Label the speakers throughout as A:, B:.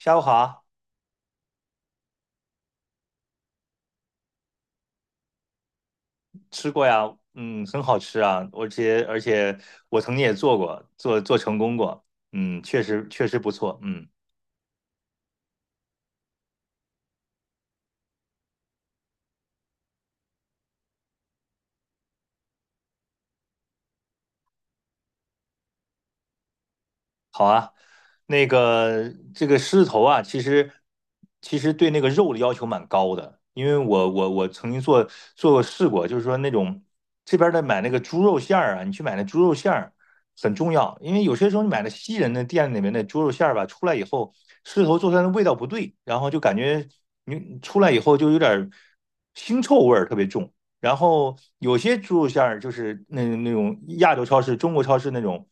A: 下午好，吃过呀，嗯，很好吃啊，而且我曾经也做过，做成功过，嗯，确实不错，嗯。那个这个狮子头啊，其实对那个肉的要求蛮高的，因为我曾经做过试过，就是说那种这边的买那个猪肉馅儿啊，你去买那猪肉馅儿很重要，因为有些时候你买的西人的店里面的猪肉馅儿吧，出来以后狮子头做出来的味道不对，然后就感觉你出来以后就有点腥臭味儿特别重，然后有些猪肉馅儿就是那种亚洲超市、中国超市那种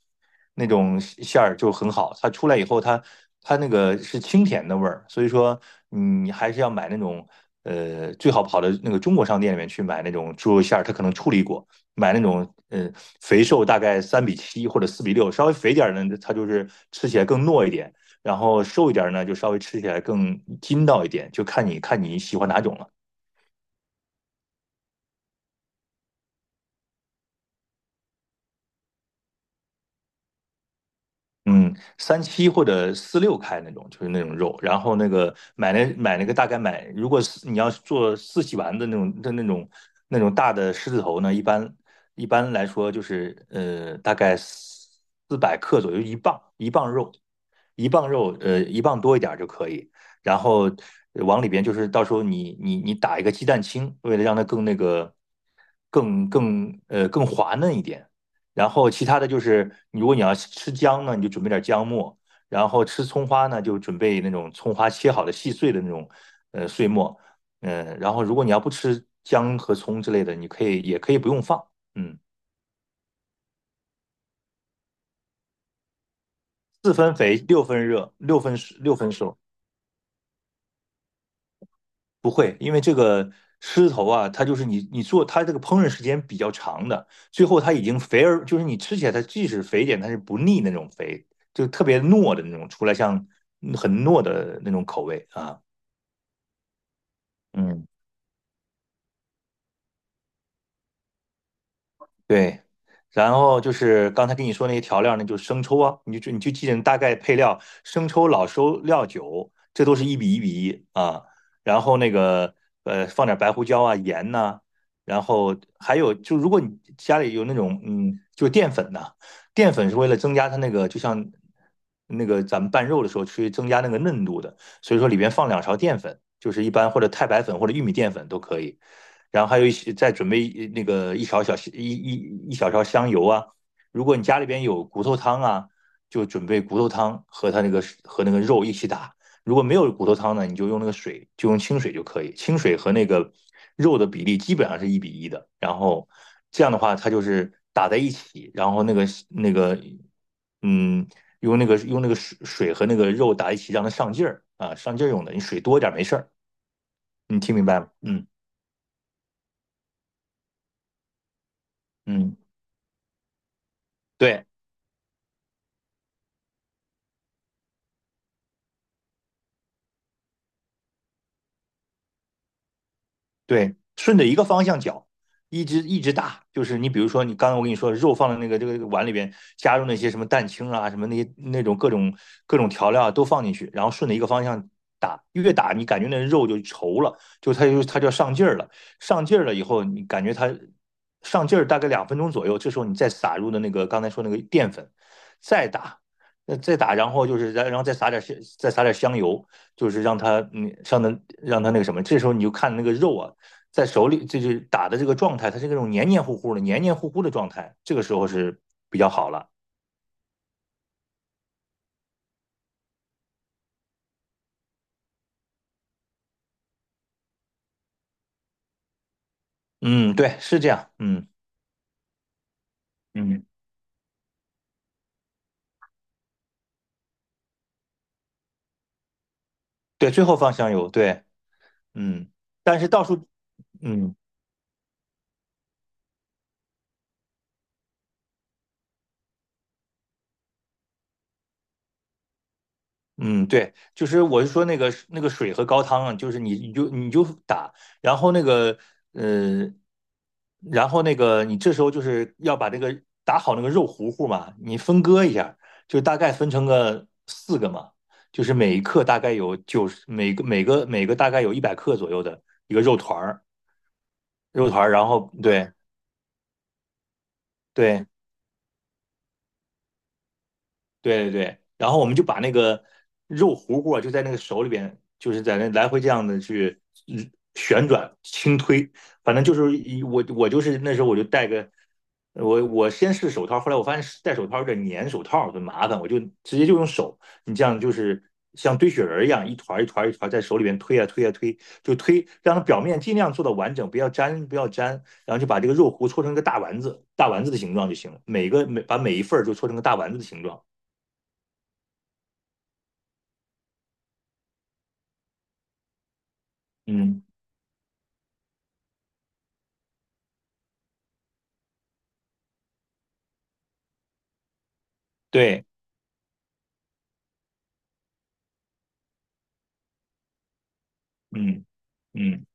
A: 那种馅儿就很好，它出来以后它那个是清甜的味儿，所以说你还是要买那种最好跑到那个中国商店里面去买那种猪肉馅儿，它可能处理过，买那种肥瘦大概三比七或者四比六，稍微肥点儿呢它就是吃起来更糯一点，然后瘦一点儿呢就稍微吃起来更筋道一点，就看你喜欢哪种了。嗯，三七或者四六开那种，就是那种肉。然后那个买那个大概买，如果是你要是做四喜丸的那种大的狮子头呢，一般来说就是大概400克左右，一磅肉，一磅肉一磅多一点儿就可以。然后往里边就是到时候你打一个鸡蛋清，为了让它更那个更更呃更滑嫩一点。然后其他的就是，如果你要吃姜呢，你就准备点姜末；然后吃葱花呢，就准备那种葱花切好的细碎的那种碎末。嗯，然后如果你要不吃姜和葱之类的，你可以也可以不用放。嗯，四分肥，六分热，六分熟。不会，因为这个狮头啊，它就是你做它这个烹饪时间比较长的，最后它已经肥而就是你吃起来它即使肥一点，它是不腻那种肥，就特别糯的那种，出来像很糯的那种口味啊。嗯。对，然后就是刚才跟你说那些调料呢，就是生抽啊，你就记着大概配料，生抽、老抽、料酒，这都是一比一比一啊。然后那个放点白胡椒啊、盐呐、然后还有就如果你家里有那种就是淀粉呐、淀粉是为了增加它那个，就像那个咱们拌肉的时候去增加那个嫩度的。所以说里边放2勺淀粉，就是一般或者太白粉或者玉米淀粉都可以。然后还有一些再准备那个一勺小一一一小勺香油啊。如果你家里边有骨头汤啊，就准备骨头汤和它那个和那个肉一起打。如果没有骨头汤呢，你就用那个水，就用清水就可以。清水和那个肉的比例基本上是一比一的。然后这样的话，它就是打在一起，然后那个嗯，用那个水和那个肉打一起，让它上劲儿啊，上劲儿用的。你水多一点没事儿，你听明白吗？嗯嗯，对，对，顺着一个方向搅，一直一直打，就是你比如说，你刚才我跟你说肉放在那个这个碗里边，加入那些什么蛋清啊，什么那些那种各种调料啊，都放进去，然后顺着一个方向打，越打你感觉那肉就稠了，就它就要上劲儿了，上劲儿了以后，你感觉它上劲儿大概2分钟左右，这时候你再撒入的那个刚才说那个淀粉，再打。那再打，然后就是然后再撒点香油，就是让它上的让它那个什么，这时候你就看那个肉啊，在手里就是打的这个状态，它是那种黏黏糊糊的、黏黏糊糊的状态，这个时候是比较好了。嗯，对，是这样。嗯嗯，对，最后放香油，对，嗯，但是倒数，嗯。嗯，对，就是我是说那个水和高汤啊，就是你就打，然后那个呃，然后那个你这时候就是要把这个打好那个肉糊糊嘛，你分割一下，就大概分成个四个嘛，就是每一克大概有九十，每个大概有100克左右的一个肉团儿，然后对对，对对对，然后我们就把那个肉糊糊啊，就在那个手里边，就是在那来回这样的去旋转轻推，反正就是我就是那时候我就我先试手套，后来我发现戴手套有点粘手套，很麻烦，我就直接就用手，你这样就是像堆雪人儿一样，一团儿一团儿一团儿在手里边推啊推啊推，就推让它表面尽量做到完整，不要粘不要粘，然后就把这个肉糊搓成一个大丸子，大丸子的形状就行了，每个每把每一份儿就搓成个大丸子的形状。嗯，对，嗯嗯，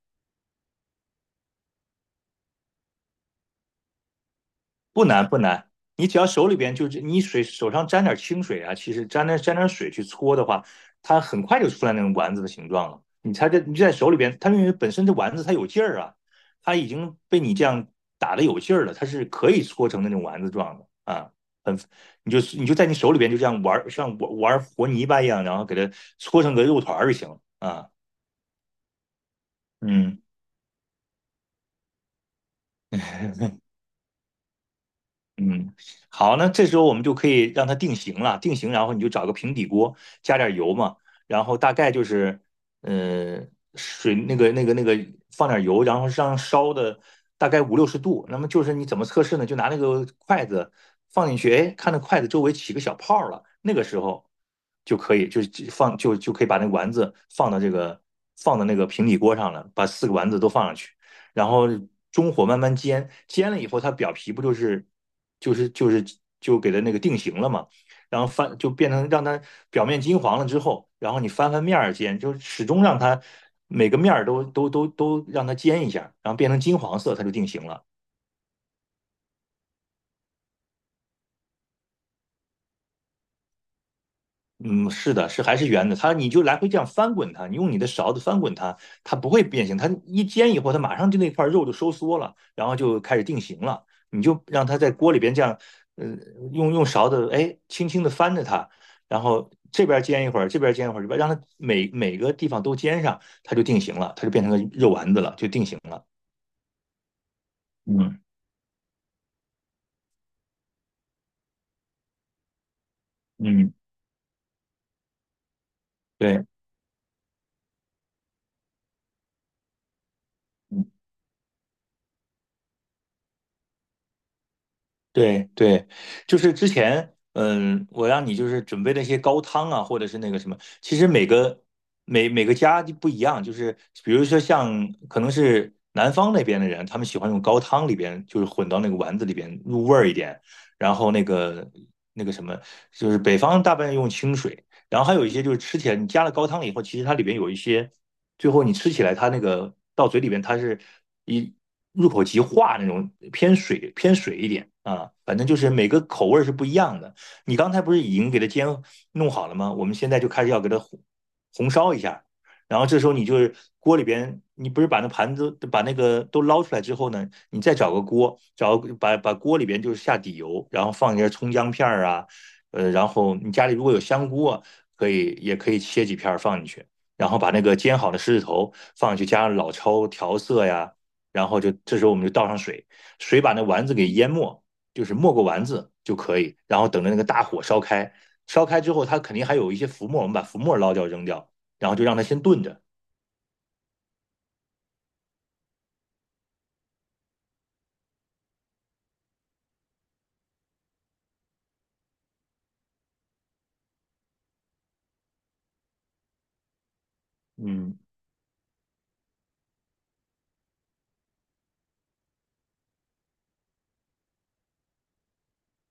A: 不难不难，你只要手里边就是你水手上沾点清水啊，其实沾点水去搓的话，它很快就出来那种丸子的形状了。你它这你就在手里边，它因为本身这丸子它有劲儿啊，它已经被你这样打的有劲儿了，它是可以搓成那种丸子状的啊，很你就在你手里边就这样玩儿，像玩玩和泥巴一样，然后给它搓成个肉团儿就行了啊，嗯。嗯，好，那这时候我们就可以让它定型了，定型，然后你就找个平底锅，加点油嘛，然后大概就是，呃，水那个那个那个放点油，然后让烧的大概五六十度。那么就是你怎么测试呢？就拿那个筷子放进去，哎，看那筷子周围起个小泡儿了，那个时候就可以，就是就放就就可以把那丸子放到那个平底锅上了，把四个丸子都放上去。然后中火慢慢煎，煎了以后它表皮不就是就给它那个定型了嘛，然后翻就变成让它表面金黄了之后，然后你翻面儿煎，就始终让它每个面儿都让它煎一下，然后变成金黄色，它就定型了。嗯，是的，是还是圆的，它你就来回这样翻滚它，你用你的勺子翻滚它，它不会变形，它一煎以后，它马上就那块肉就收缩了，然后就开始定型了。你就让它在锅里边这样，呃，用勺子，哎，轻轻的翻着它，然后这边煎一会儿，这边煎一会儿，这边让它每个地方都煎上，它就定型了，它就变成个肉丸子了，就定型了。嗯嗯，对。对对，就是之前，我让你就是准备那些高汤啊，或者是那个什么，其实每个每个家就不一样，就是比如说像可能是南方那边的人，他们喜欢用高汤里边，就是混到那个丸子里边入味儿一点，然后那个那个什么，就是北方大半用清水，然后还有一些就是吃起来你加了高汤以后，其实它里边有一些。最后你吃起来它那个到嘴里边它是一入口即化那种，偏水偏水一点啊，反正就是每个口味是不一样的。你刚才不是已经给它煎弄好了吗？我们现在就开始要给它红烧一下，然后这时候你就是锅里边，你不是把那盘子把那个都捞出来之后呢，你再找个锅，找把锅里边就是下底油，然后放一些葱姜片儿啊，然后你家里如果有香菇啊，可以也可以切几片放进去。然后把那个煎好的狮子头放进去，加上老抽调色呀，然后就这时候我们就倒上水，水把那丸子给淹没，就是没过丸子就可以，然后等着那个大火烧开，烧开之后它肯定还有一些浮沫，我们把浮沫捞掉扔掉，然后就让它先炖着，嗯，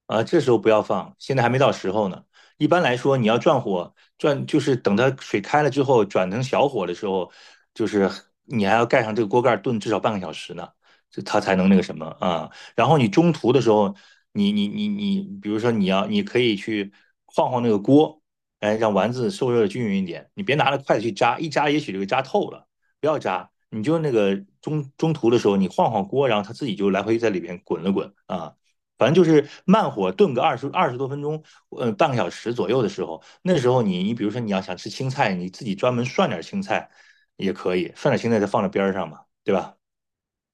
A: 啊，这时候不要放，现在还没到时候呢。一般来说，你要转火，转就是等它水开了之后，转成小火的时候，就是你还要盖上这个锅盖炖至少半个小时呢，这它才能那个什么啊。然后你中途的时候，你你你你，比如说你要，你可以去晃晃那个锅，哎，让丸子受热的均匀一点。你别拿着筷子去扎，一扎也许就给扎透了，不要扎。你就那个中途的时候，你晃晃锅，然后它自己就来回在里边滚了滚啊。反正就是慢火炖个二十多分钟，半个小时左右的时候，那时候你比如说你要想吃青菜，你自己专门涮点青菜也可以，涮点青菜再放在边儿上嘛，对吧？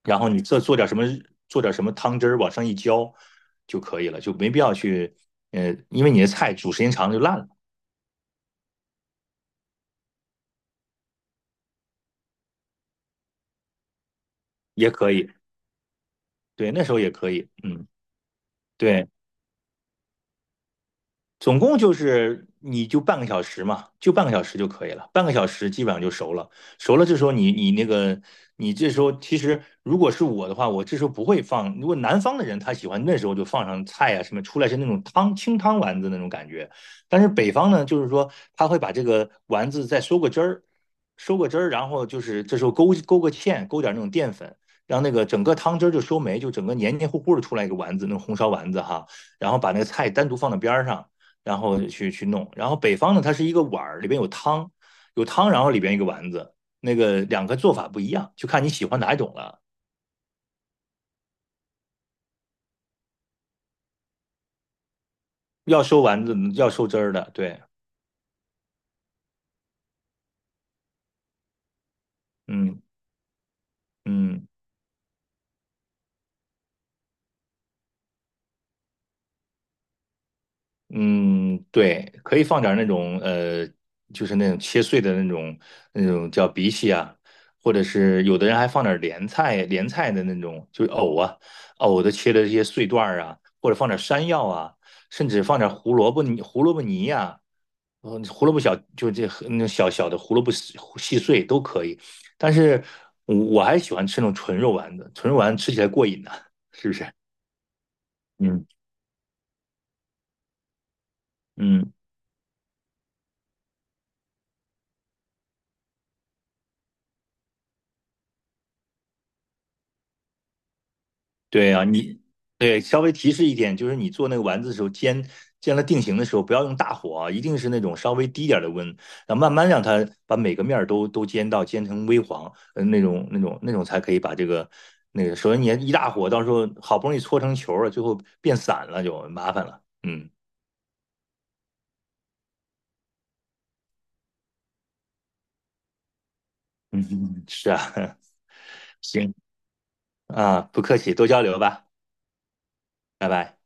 A: 然后你做点什么汤汁儿往上一浇就可以了，就没必要去，因为你的菜煮时间长了就烂了，也可以，对，那时候也可以，嗯，对。总共就是你就半个小时嘛，就半个小时就可以了，半个小时基本上就熟了。熟了，这时候你你那个你这时候其实如果是我的话，我这时候不会放。如果南方的人他喜欢那时候就放上菜啊什么，出来是那种汤清汤丸子那种感觉。但是北方呢，就是说他会把这个丸子再收个汁儿，收个汁儿，然后就是这时候勾个芡，勾点那种淀粉。让那个整个汤汁儿就收没，就整个黏黏糊糊的出来一个丸子，那种红烧丸子哈，然后把那个菜单独放到边儿上，然后去弄。然后北方呢，它是一个碗儿，里边有汤，有汤，然后里边一个丸子，那个两个做法不一样，就看你喜欢哪一种了。要收丸子，要收汁儿的，对，嗯嗯嗯，对，可以放点那种就是那种切碎的那种叫荸荠啊，或者是有的人还放点莲菜，莲菜的那种就是藕啊，藕的切的这些碎段儿啊，或者放点山药啊，甚至放点胡萝卜泥呀、然后胡萝卜小就这那小小的胡萝卜细细碎都可以，但是我还喜欢吃那种纯肉丸子，纯肉丸吃起来过瘾呢、是不是？嗯嗯，对啊，你对稍微提示一点，就是你做那个丸子的时候，煎了定型的时候，不要用大火啊，一定是那种稍微低点儿的温，然后慢慢让它把每个面儿都煎到煎成微黄，那种才可以把这个那个，首先你一大火，到时候好不容易搓成球了，最后变散了就麻烦了，嗯。嗯嗯，是啊，行啊，不客气，多交流吧，拜拜。